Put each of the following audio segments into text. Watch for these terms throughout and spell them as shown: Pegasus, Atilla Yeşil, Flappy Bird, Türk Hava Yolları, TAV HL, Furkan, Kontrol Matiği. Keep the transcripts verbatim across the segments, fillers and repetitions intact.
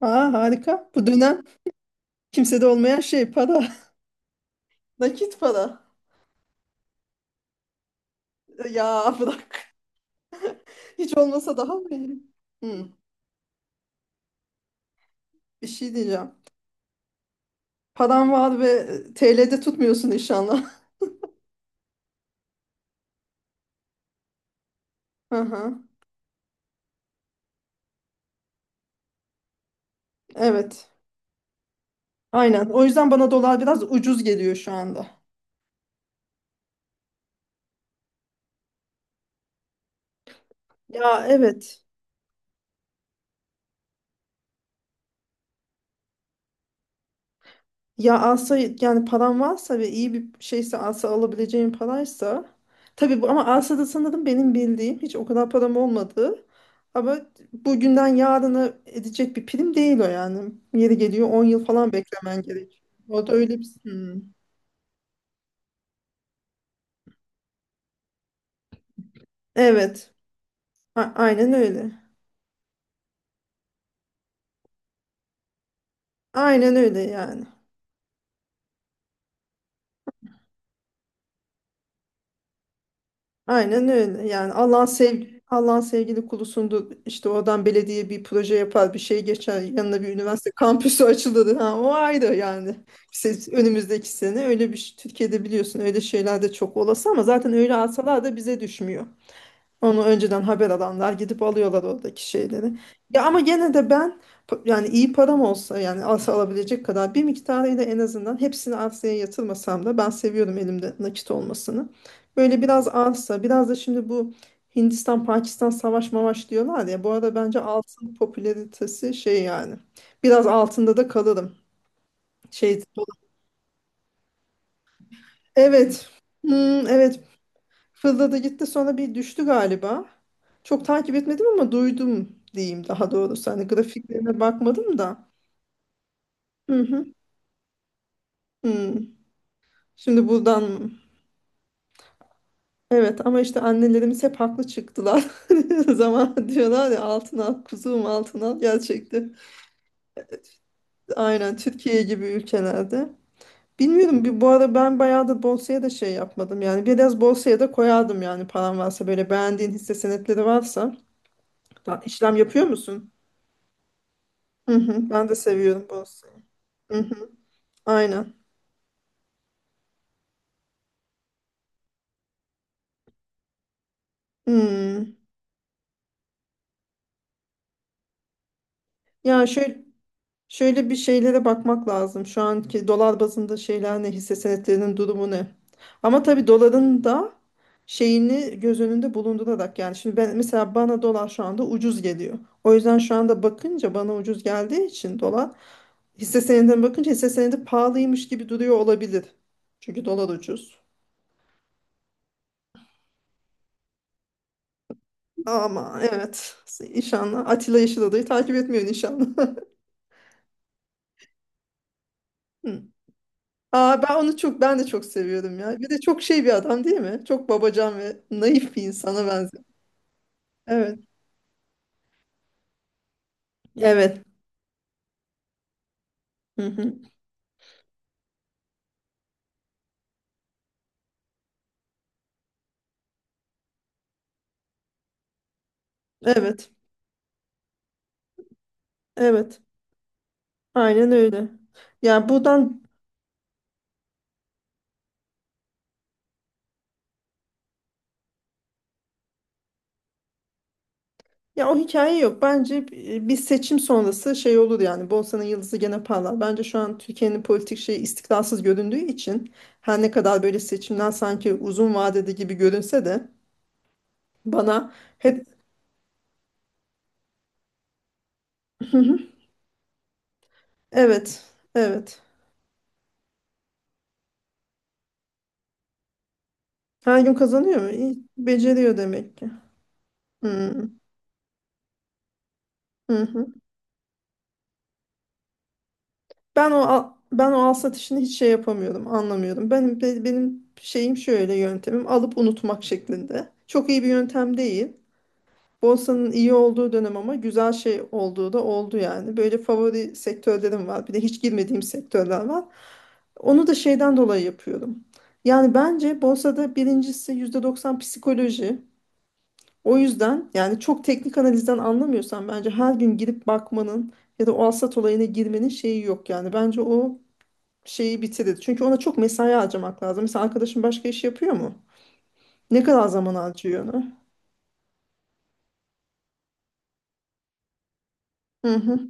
Aa, harika. Bu dönem kimsede olmayan şey para. Nakit para. Ya bırak. Hiç olmasa daha mı iyi? Hı, bir şey diyeceğim. Paran var ve T L'de tutmuyorsun inşallah. Hı hı. Evet. Aynen. O yüzden bana dolar biraz ucuz geliyor şu anda. Ya evet. Ya alsa yani paran varsa ve iyi bir şeyse alsa alabileceğim paraysa tabii bu ama alsada sanırım benim bildiğim hiç o kadar param olmadı. Ama bugünden yarına edecek bir prim değil o yani. Yeri geliyor on yıl falan beklemen gerekiyor. O da öyle bir... Hmm. Evet. A- aynen öyle. Aynen öyle yani. Aynen öyle. Yani Allah'ın sev Allah'ın sevgili kulusundu. İşte oradan belediye bir proje yapar, bir şey geçer. Yanına bir üniversite kampüsü açılır. Ha, o ayrı yani. İşte önümüzdeki sene öyle bir şey- Türkiye'de biliyorsun öyle şeyler de çok olası ama zaten öyle alsalar da bize düşmüyor. Onu önceden haber alanlar gidip alıyorlar oradaki şeyleri. Ya ama gene de ben p- yani iyi param olsa yani arsa alabilecek kadar bir miktarıyla en azından hepsini arsaya yatırmasam da ben seviyorum elimde nakit olmasını. Böyle biraz arsa biraz da şimdi bu Hindistan Pakistan savaş mavaş diyorlar ya bu arada bence altın popülaritesi şey yani biraz altında da kalırım. Şey, evet. Hmm, evet. Fırladı gitti sonra bir düştü galiba. Çok takip etmedim ama duydum diyeyim daha doğrusu. Hani grafiklerine bakmadım da. Hı hı. Hı. Şimdi buradan evet, ama işte annelerimiz hep haklı çıktılar. Zaman diyorlar ya altın al kuzum altın al gerçekten. Aynen Türkiye gibi ülkelerde. Bilmiyorum bir bu ara ben bayağı da borsaya da şey yapmadım yani biraz borsaya da koyardım yani param varsa böyle beğendiğin hisse senetleri varsa. Ben- işlem yapıyor musun? Hı hı, ben de seviyorum borsayı. Hı hı, aynen. Hmm. Ya şöyle şöyle bir şeylere bakmak lazım. Şu anki dolar bazında şeyler ne, hisse senetlerinin durumu ne? Ama tabii doların da şeyini göz önünde bulundurarak yani şimdi ben mesela bana dolar şu anda ucuz geliyor. O yüzden şu anda bakınca bana ucuz geldiği için dolar hisse senedine bakınca hisse senedi pahalıymış gibi duruyor olabilir. Çünkü dolar ucuz. Ama evet, inşallah Atilla Yeşil Odayı takip etmiyorsun inşallah. Aa, ben onu çok ben de çok seviyordum ya. Bir de çok şey bir adam değil mi? Çok babacan ve naif bir insana benziyor. Evet. Evet. Hı hı. Evet. Evet. Aynen öyle. Ya buradan Ya o hikaye yok. Bence bi- bir seçim sonrası şey olur yani. Borsa'nın yıldızı gene parlar. Bence şu an Türkiye'nin politik şeyi istikrarsız göründüğü için her ne kadar böyle seçimden sanki uzun vadede gibi görünse de bana hep evet. Evet. Her gün kazanıyor mu? İyi, beceriyor demek ki. Hmm. Hı hı. Ben o al- ben o al satışını hiç şey yapamıyordum, anlamıyordum. Benim be- benim şeyim şöyle yöntemim alıp unutmak şeklinde. Çok iyi bir yöntem değil. Borsanın iyi olduğu dönem ama güzel şey olduğu da oldu yani. Böyle favori sektörlerim var. Bir de hiç girmediğim sektörler var. Onu da şeyden dolayı yapıyorum. Yani bence borsada birincisi yüzde doksan psikoloji. O yüzden yani çok teknik analizden anlamıyorsan bence her gün girip bakmanın ya da o alsat olayına girmenin şeyi yok yani. Bence o şeyi bitirir. Çünkü ona çok mesai harcamak lazım. Mesela arkadaşın başka iş yapıyor mu? Ne kadar zaman harcıyor ona? Hı hı.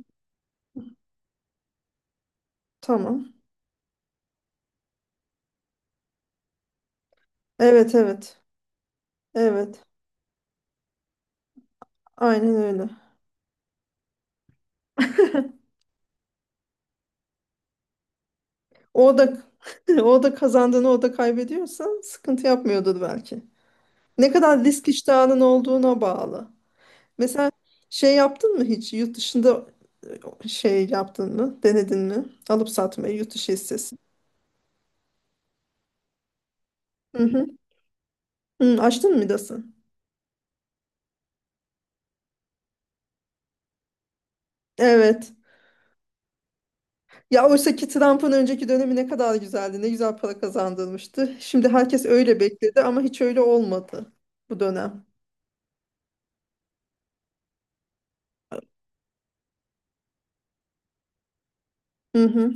Tamam. Evet, evet. Evet. Aynen öyle. O da o da kazandığını o da kaybediyorsa sıkıntı yapmıyordur belki. Ne kadar risk iştahının olduğuna bağlı. Mesela şey yaptın mı hiç yurt dışında şey yaptın mı? Denedin mi? Alıp satmayı yurt dışı hissesi. Hı hı. Hı, açtın mı Midas'ı? Evet. Ya oysa ki Trump'ın önceki dönemi ne kadar güzeldi. Ne güzel para kazandırmıştı. Şimdi herkes öyle bekledi ama hiç öyle olmadı bu dönem. Hı hı.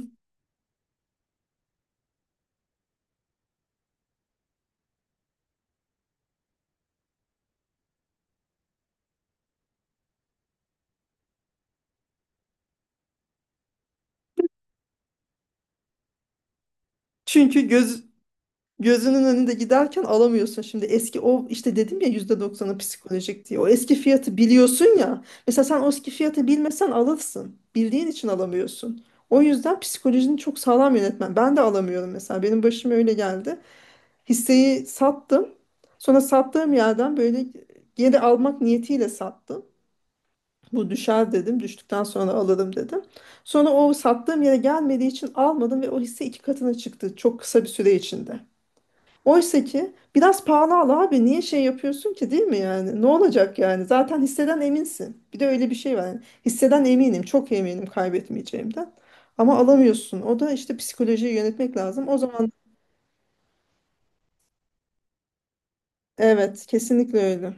Çünkü göz gözünün önünde giderken alamıyorsun. Şimdi eski o işte dedim ya yüzde doksanı psikolojik diye. O eski fiyatı biliyorsun ya. Mesela sen o eski fiyatı bilmesen alırsın. Bildiğin için alamıyorsun. O yüzden psikolojini çok sağlam yönetmen. Ben de alamıyorum mesela. Benim başıma öyle geldi. Hisseyi sattım. Sonra sattığım yerden böyle geri almak niyetiyle sattım. Bu düşer dedim. Düştükten sonra alırım dedim. Sonra o sattığım yere gelmediği için almadım ve o hisse iki katına çıktı. Çok kısa bir süre içinde. Oysa ki biraz pahalı al abi niye şey yapıyorsun ki değil mi yani? Ne olacak yani? Zaten hisseden eminsin. Bir de öyle bir şey var. Yani hisseden eminim, çok eminim kaybetmeyeceğimden. Ama alamıyorsun. O da işte psikolojiyi yönetmek lazım. O zaman evet, kesinlikle öyle.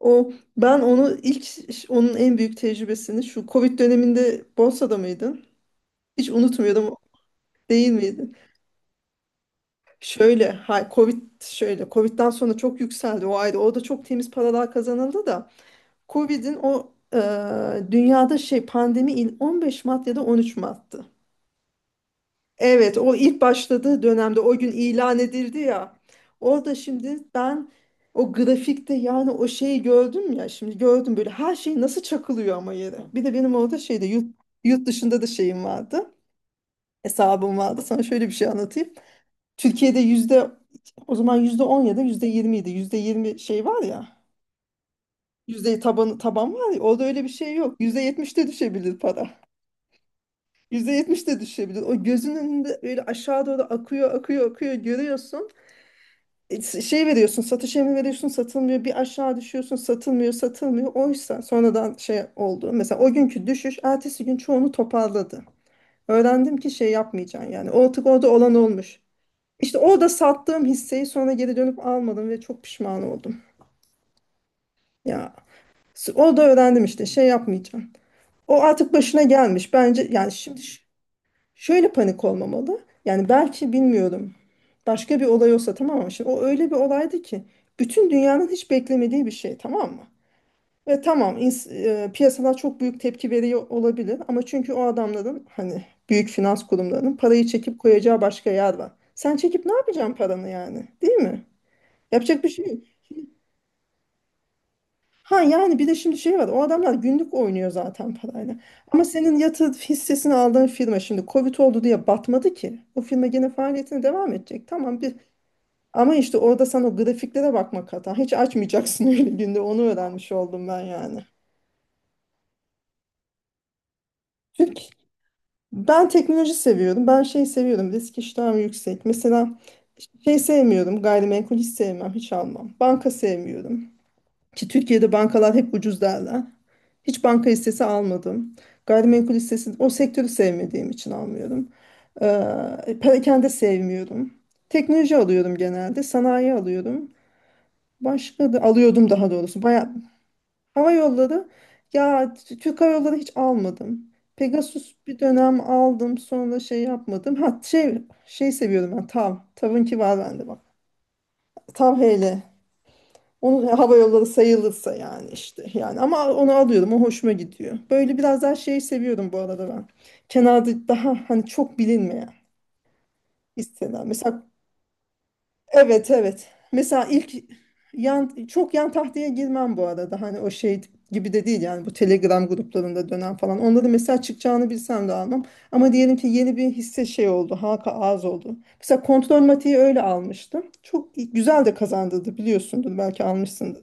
O ben onu ilk onun en büyük tecrübesini şu Covid döneminde borsada mıydın? Hiç unutmuyordum. Değil miydin? Şöyle, ha, Covid şöyle, Covid'den sonra çok yükseldi o ayda. O da çok temiz paralar kazanıldı da. Covid'in o e, dünyada şey pandemi il- 15 Mart ya da on üç mart Mart'tı. Evet, o ilk başladığı dönemde o gün ilan edildi ya. Orada şimdi ben o grafikte yani o şeyi gördüm ya şimdi gördüm böyle her şey nasıl çakılıyor ama yere. Bir de benim orada şeyde yurt, yurt dışında da şeyim vardı. Hesabım vardı. Sana şöyle bir şey anlatayım. Türkiye'de yüzde o zaman yüzde on ya da yüzde yirmi idi. Yüzde yirmi şey var ya. Yüzde taban, taban var ya. Orada öyle bir şey yok. Yüzde yetmişte düşebilir para. yüzde yetmiş de düşebilir. O gözünün önünde öyle aşağı doğru akıyor, akıyor, akıyor görüyorsun. E, s- Şey veriyorsun, satış emri veriyorsun, satılmıyor. Bir aşağı düşüyorsun, satılmıyor, satılmıyor. Oysa sonradan şey oldu. Mesela o günkü düşüş, ertesi gün çoğunu toparladı. Öğrendim ki şey yapmayacaksın yani. Artık orada olan olmuş. İşte orada sattığım hisseyi sonra geri dönüp almadım ve çok pişman oldum. Ya s- orada öğrendim işte şey yapmayacağım. O artık başına gelmiş. Bence yani şimdi şöyle panik olmamalı. Yani belki bilmiyorum. Başka bir olay olsa tamam mı? Şimdi o öyle bir olaydı ki bütün dünyanın hiç beklemediği bir şey tamam mı? Ve tamam ins- e, piyasalar çok büyük tepki veriyor olabilir ama çünkü o adamların hani büyük finans kurumlarının parayı çekip koyacağı başka yer var. Sen çekip ne yapacaksın paranı yani? Değil mi? Yapacak bir şey yok. Ha yani bir de şimdi şey var o adamlar günlük oynuyor zaten parayla. Ama senin yatırım hissesini aldığın firma şimdi Covid oldu diye batmadı ki. O firma gene faaliyetine devam edecek. Tamam bir ama işte orada sen o grafiklere bakmak hata. Hiç açmayacaksın öyle günde onu öğrenmiş oldum ben yani. Çünkü ben teknoloji seviyorum. Ben şey seviyorum. Risk iştahım yüksek. Mesela şey sevmiyorum. Gayrimenkul hiç sevmem. Hiç almam. Banka sevmiyorum. Ki Türkiye'de bankalar hep ucuz derler. Hiç banka hissesi almadım. Gayrimenkul hissesi o sektörü sevmediğim için almıyorum. Ee, perakende sevmiyorum. Teknoloji alıyorum genelde. Sanayi alıyorum. Başka da alıyordum daha doğrusu. Bayağı, hava yolları ya T- Türk Hava Yolları hiç almadım. Pegasus bir dönem aldım sonra şey yapmadım. Ha şey şey seviyorum ben TAV. TAV'ınki var bende bak. TAV H L. Onun hava yolları sayılırsa yani işte yani ama onu alıyorum o hoşuma gidiyor. Böyle biraz daha şey seviyorum bu arada ben. Kenarda daha hani çok bilinmeyen istedim. Mesela evet, evet. Mesela ilk yan çok yan tahtaya girmem bu arada. Hani o şey gibi de değil yani bu Telegram gruplarında dönen falan. Onları mesela çıkacağını bilsem de almam. Ama diyelim ki yeni bir hisse şey oldu. Halka arz oldu. Mesela kontrol matiği öyle almıştım. Çok güzel de kazandırdı biliyorsundur belki almışsındır.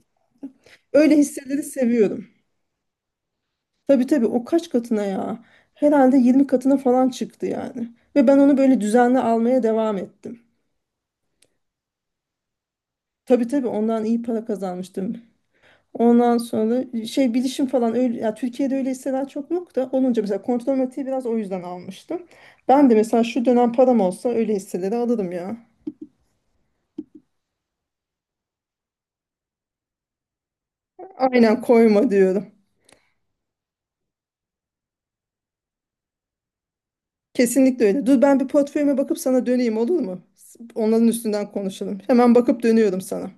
Öyle hisseleri seviyorum. Tabii, tabii o kaç katına ya? Herhalde yirmi katına falan çıktı yani. Ve ben onu böyle düzenli almaya devam ettim. Tabii, tabii ondan iyi para kazanmıştım. Ondan sonra şey bilişim falan öyle ya Türkiye'de öyle hisseler çok yok da olunca mesela kontrol matiği biraz o yüzden almıştım. Ben de mesela şu dönem param olsa öyle hisseleri alırım ya. Aynen koyma diyorum. Kesinlikle öyle. Dur ben bir portföyüme bakıp sana döneyim olur mu? Onların üstünden konuşalım. Hemen bakıp dönüyorum sana.